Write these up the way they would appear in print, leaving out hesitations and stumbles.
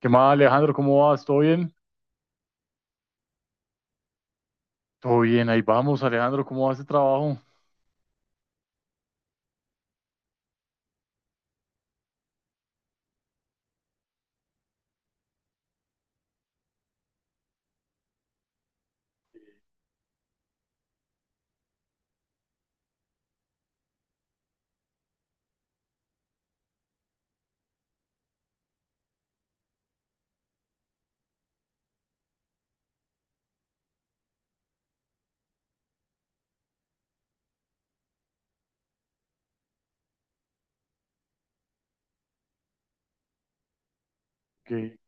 ¿Qué más, Alejandro? ¿Cómo vas? ¿Todo bien? Todo bien, ahí vamos, Alejandro. ¿Cómo va ese trabajo? ¿Qué-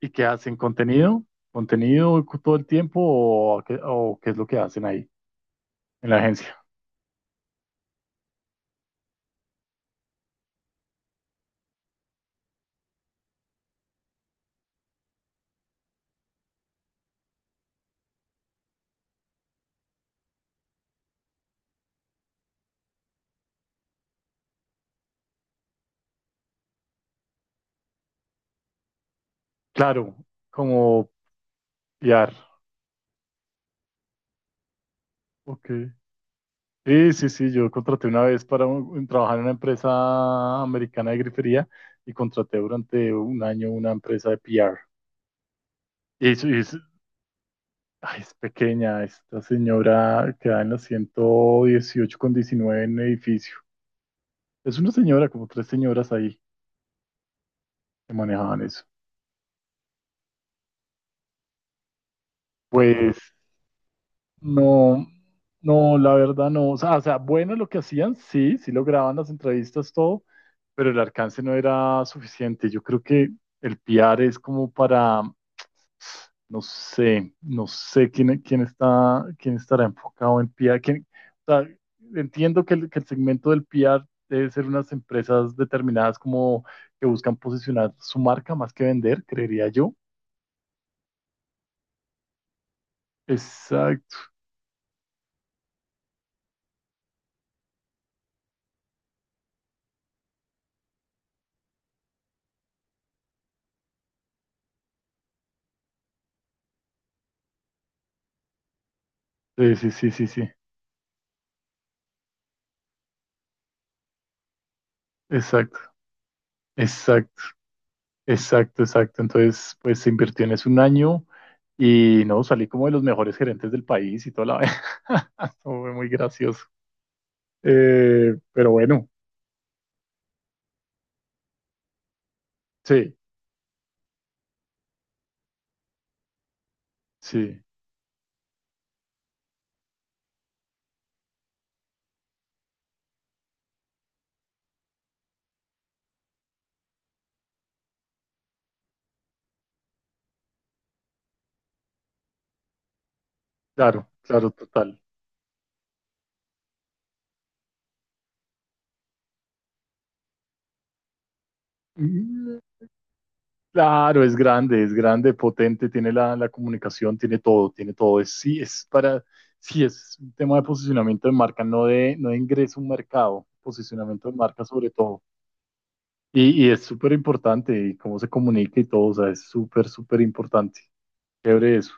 ¿Y qué hacen? ¿Contenido? ¿Todo el tiempo o qué es lo que hacen ahí en la agencia? Claro, como PR. Ok. Sí, sí, sí, yo contraté una vez para trabajar en una empresa americana de grifería y contraté durante un año una empresa de PR. Y es, y es- Ay, es pequeña, esta señora queda en la 118 con 19 en el edificio. Es una señora, como tres señoras ahí que manejaban eso. Pues no, no, la verdad no. O sea, bueno lo que hacían, sí, sí lograban las entrevistas, todo, pero el alcance no era suficiente. Yo creo que el PR es como para, no sé, quién, quién estará enfocado en PR. O sea, entiendo que el segmento del PR debe ser unas empresas determinadas como que buscan posicionar su marca más que vender, creería yo. Exacto. Sí, sí, sí, sí, sí. Exacto, exacto, exacto, exacto. Entonces, pues se invirtió en eso un año y no, salí como de los mejores gerentes del país y toda la vaina. Eso fue muy gracioso. Pero bueno, sí, sí, claro, claro, total. Mm, claro, es grande, potente, tiene la comunicación, tiene todo, tiene todo. Es, sí, es para, sí, es un tema de posicionamiento de marca, no de, no de ingreso a un mercado, posicionamiento de marca sobre todo. Y es súper importante y cómo se comunica y todo, o sea, es súper, súper importante. Chévere eso.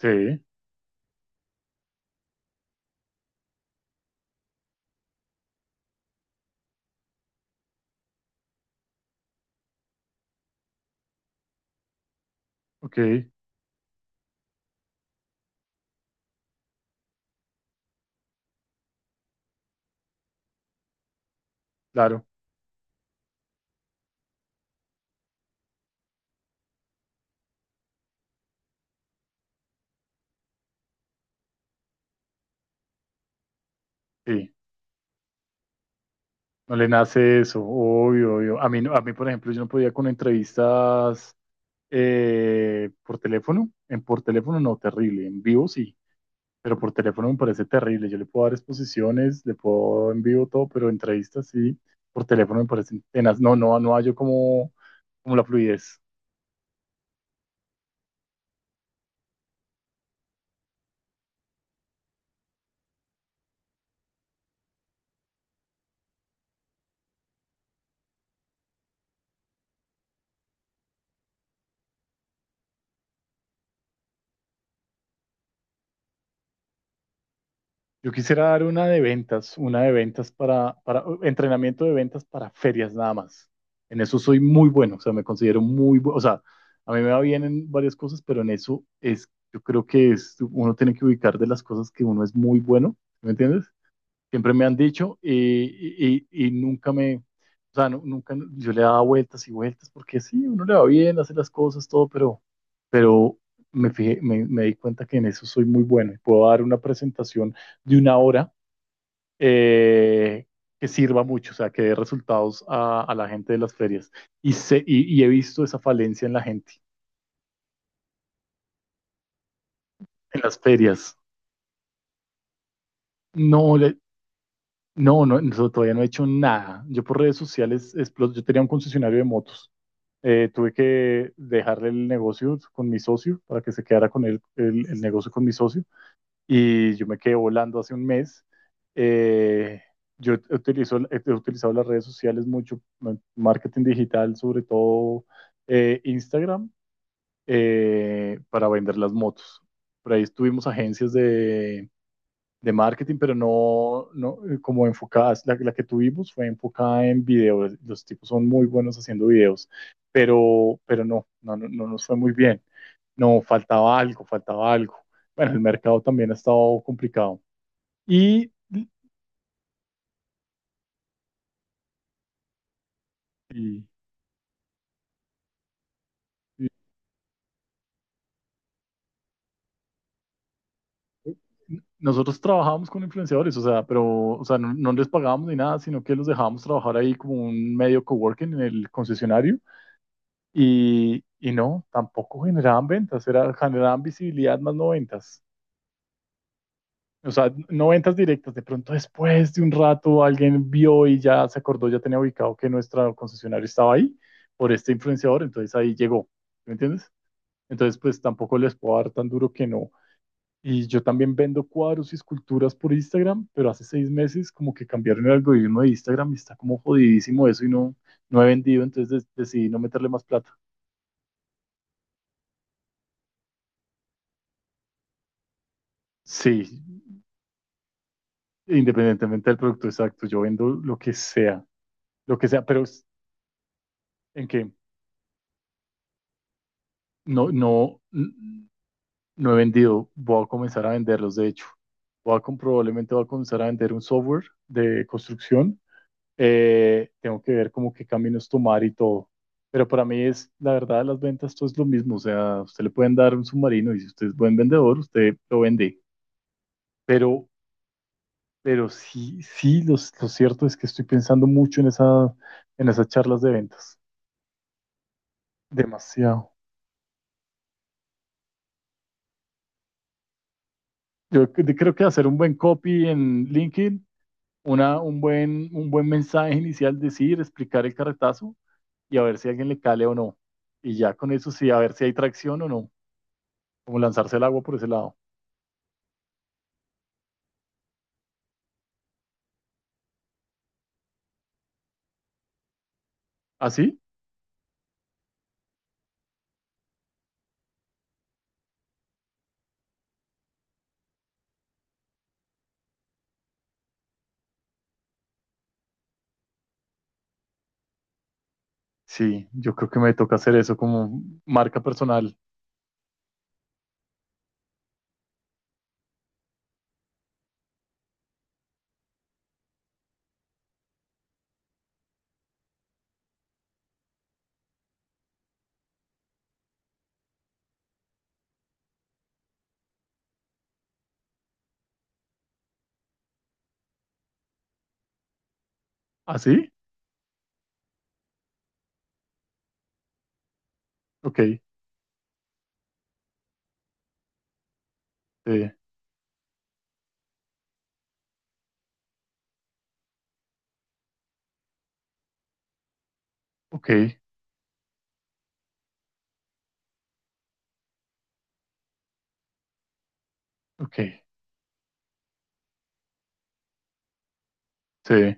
Sí, ok, claro, sí. No le nace eso, obvio, obvio. A mí, no- a mí, por ejemplo, yo no podía con entrevistas por teléfono. En por teléfono no, terrible. En vivo sí, pero por teléfono me parece terrible. Yo le puedo dar exposiciones, le puedo en vivo todo, pero entrevistas sí. Por teléfono me parecen tenaz. No, no, no hallo como, como la fluidez. Yo quisiera dar una de ventas para entrenamiento de ventas para ferias nada más. En eso soy muy bueno, o sea, me considero muy bueno, o sea, a mí me va bien en varias cosas, pero en eso es, yo creo que es, uno tiene que ubicar de las cosas que uno es muy bueno, ¿sí? ¿Me entiendes? Siempre me han dicho y nunca me, o sea, nunca yo le daba vueltas y vueltas porque sí, uno le va bien, hace las cosas, todo, pero me fijé, me di cuenta que en eso soy muy bueno y puedo dar una presentación de una hora eh, que sirva mucho, o sea, que dé resultados a la gente de las ferias. Y, y he visto esa falencia en la gente, en las ferias. No, le, no, no, no, todavía no he hecho nada. Yo por redes sociales, yo tenía un concesionario de motos. Tuve que dejarle el negocio con mi socio para que se quedara con él, el negocio con mi socio. Y yo me quedé volando hace un mes. Eh, yo utilizo, he utilizado las redes sociales mucho, marketing digital, sobre todo Instagram, para vender las motos. Por ahí estuvimos agencias de marketing, pero no, no como enfocadas. La, que tuvimos fue enfocada en videos. Los tipos son muy buenos haciendo videos, pero no, no nos fue muy bien. No, faltaba algo, faltaba algo. Bueno, el mercado también ha estado complicado. Y, y, y eh, nosotros trabajábamos con influenciadores, o sea, pero o sea, no, no les pagábamos ni nada, sino que los dejábamos trabajar ahí como un medio coworking en el concesionario. Y no, tampoco generaban ventas, era, generaban visibilidad más no ventas. O sea, no ventas directas. De pronto, después de un rato, alguien vio y ya se acordó, ya tenía ubicado que nuestro concesionario estaba ahí por este influenciador, entonces ahí llegó. ¿Me entiendes? Entonces, pues tampoco les puedo dar tan duro que no. Y yo también vendo cuadros y esculturas por Instagram, pero hace 6 meses como que cambiaron el algoritmo de Instagram y está como jodidísimo eso y no, no he vendido, entonces decidí no meterle más plata. Sí, independientemente del producto exacto, yo vendo lo que sea, en que no, no, no he vendido, voy a comenzar a venderlos, de hecho. Probablemente voy a comenzar a vender un software de construcción. Tengo que ver como qué caminos tomar y todo. Pero para mí es, la verdad, las ventas, todo es lo mismo. O sea, usted le pueden dar un submarino y si usted es buen vendedor, usted lo vende. Pero, pero sí, sí, lo cierto es que estoy pensando mucho en esa, en esas charlas de ventas. Demasiado. Yo creo que hacer un buen copy en LinkedIn, un buen mensaje inicial, decir, explicar el carretazo y a ver si alguien le cale o no. Y ya con eso sí, a ver si hay tracción o no. Como lanzarse el agua por ese lado. ¿Así? Sí, sí, yo creo que me toca hacer eso como marca personal. ¿Así? Ok, sí, ok, ok, sí.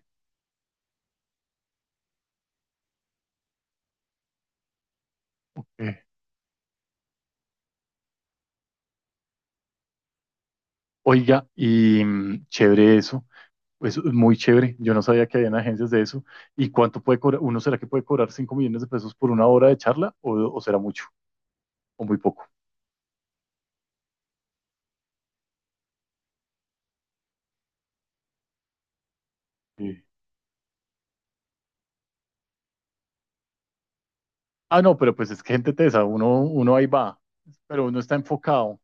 Ok. Oiga, y mm, chévere eso. Eso es muy chévere. Yo no sabía que habían agencias de eso. ¿Y cuánto puede cobrar? ¿Uno será que puede cobrar 5 millones de pesos por una hora de charla? O será mucho? ¿O muy poco? Sí. Ah, no, pero pues es que gente tesa. Uno, uno ahí va. Pero uno está enfocado.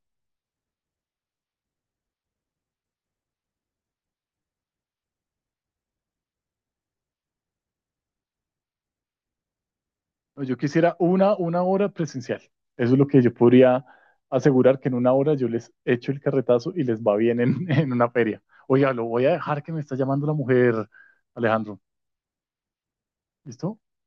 No, yo quisiera una hora presencial. Eso es lo que yo podría asegurar que en una hora yo les echo el carretazo y les va bien en, en una feria. Oiga, lo voy a dejar que me está llamando la mujer, Alejandro. ¿Listo?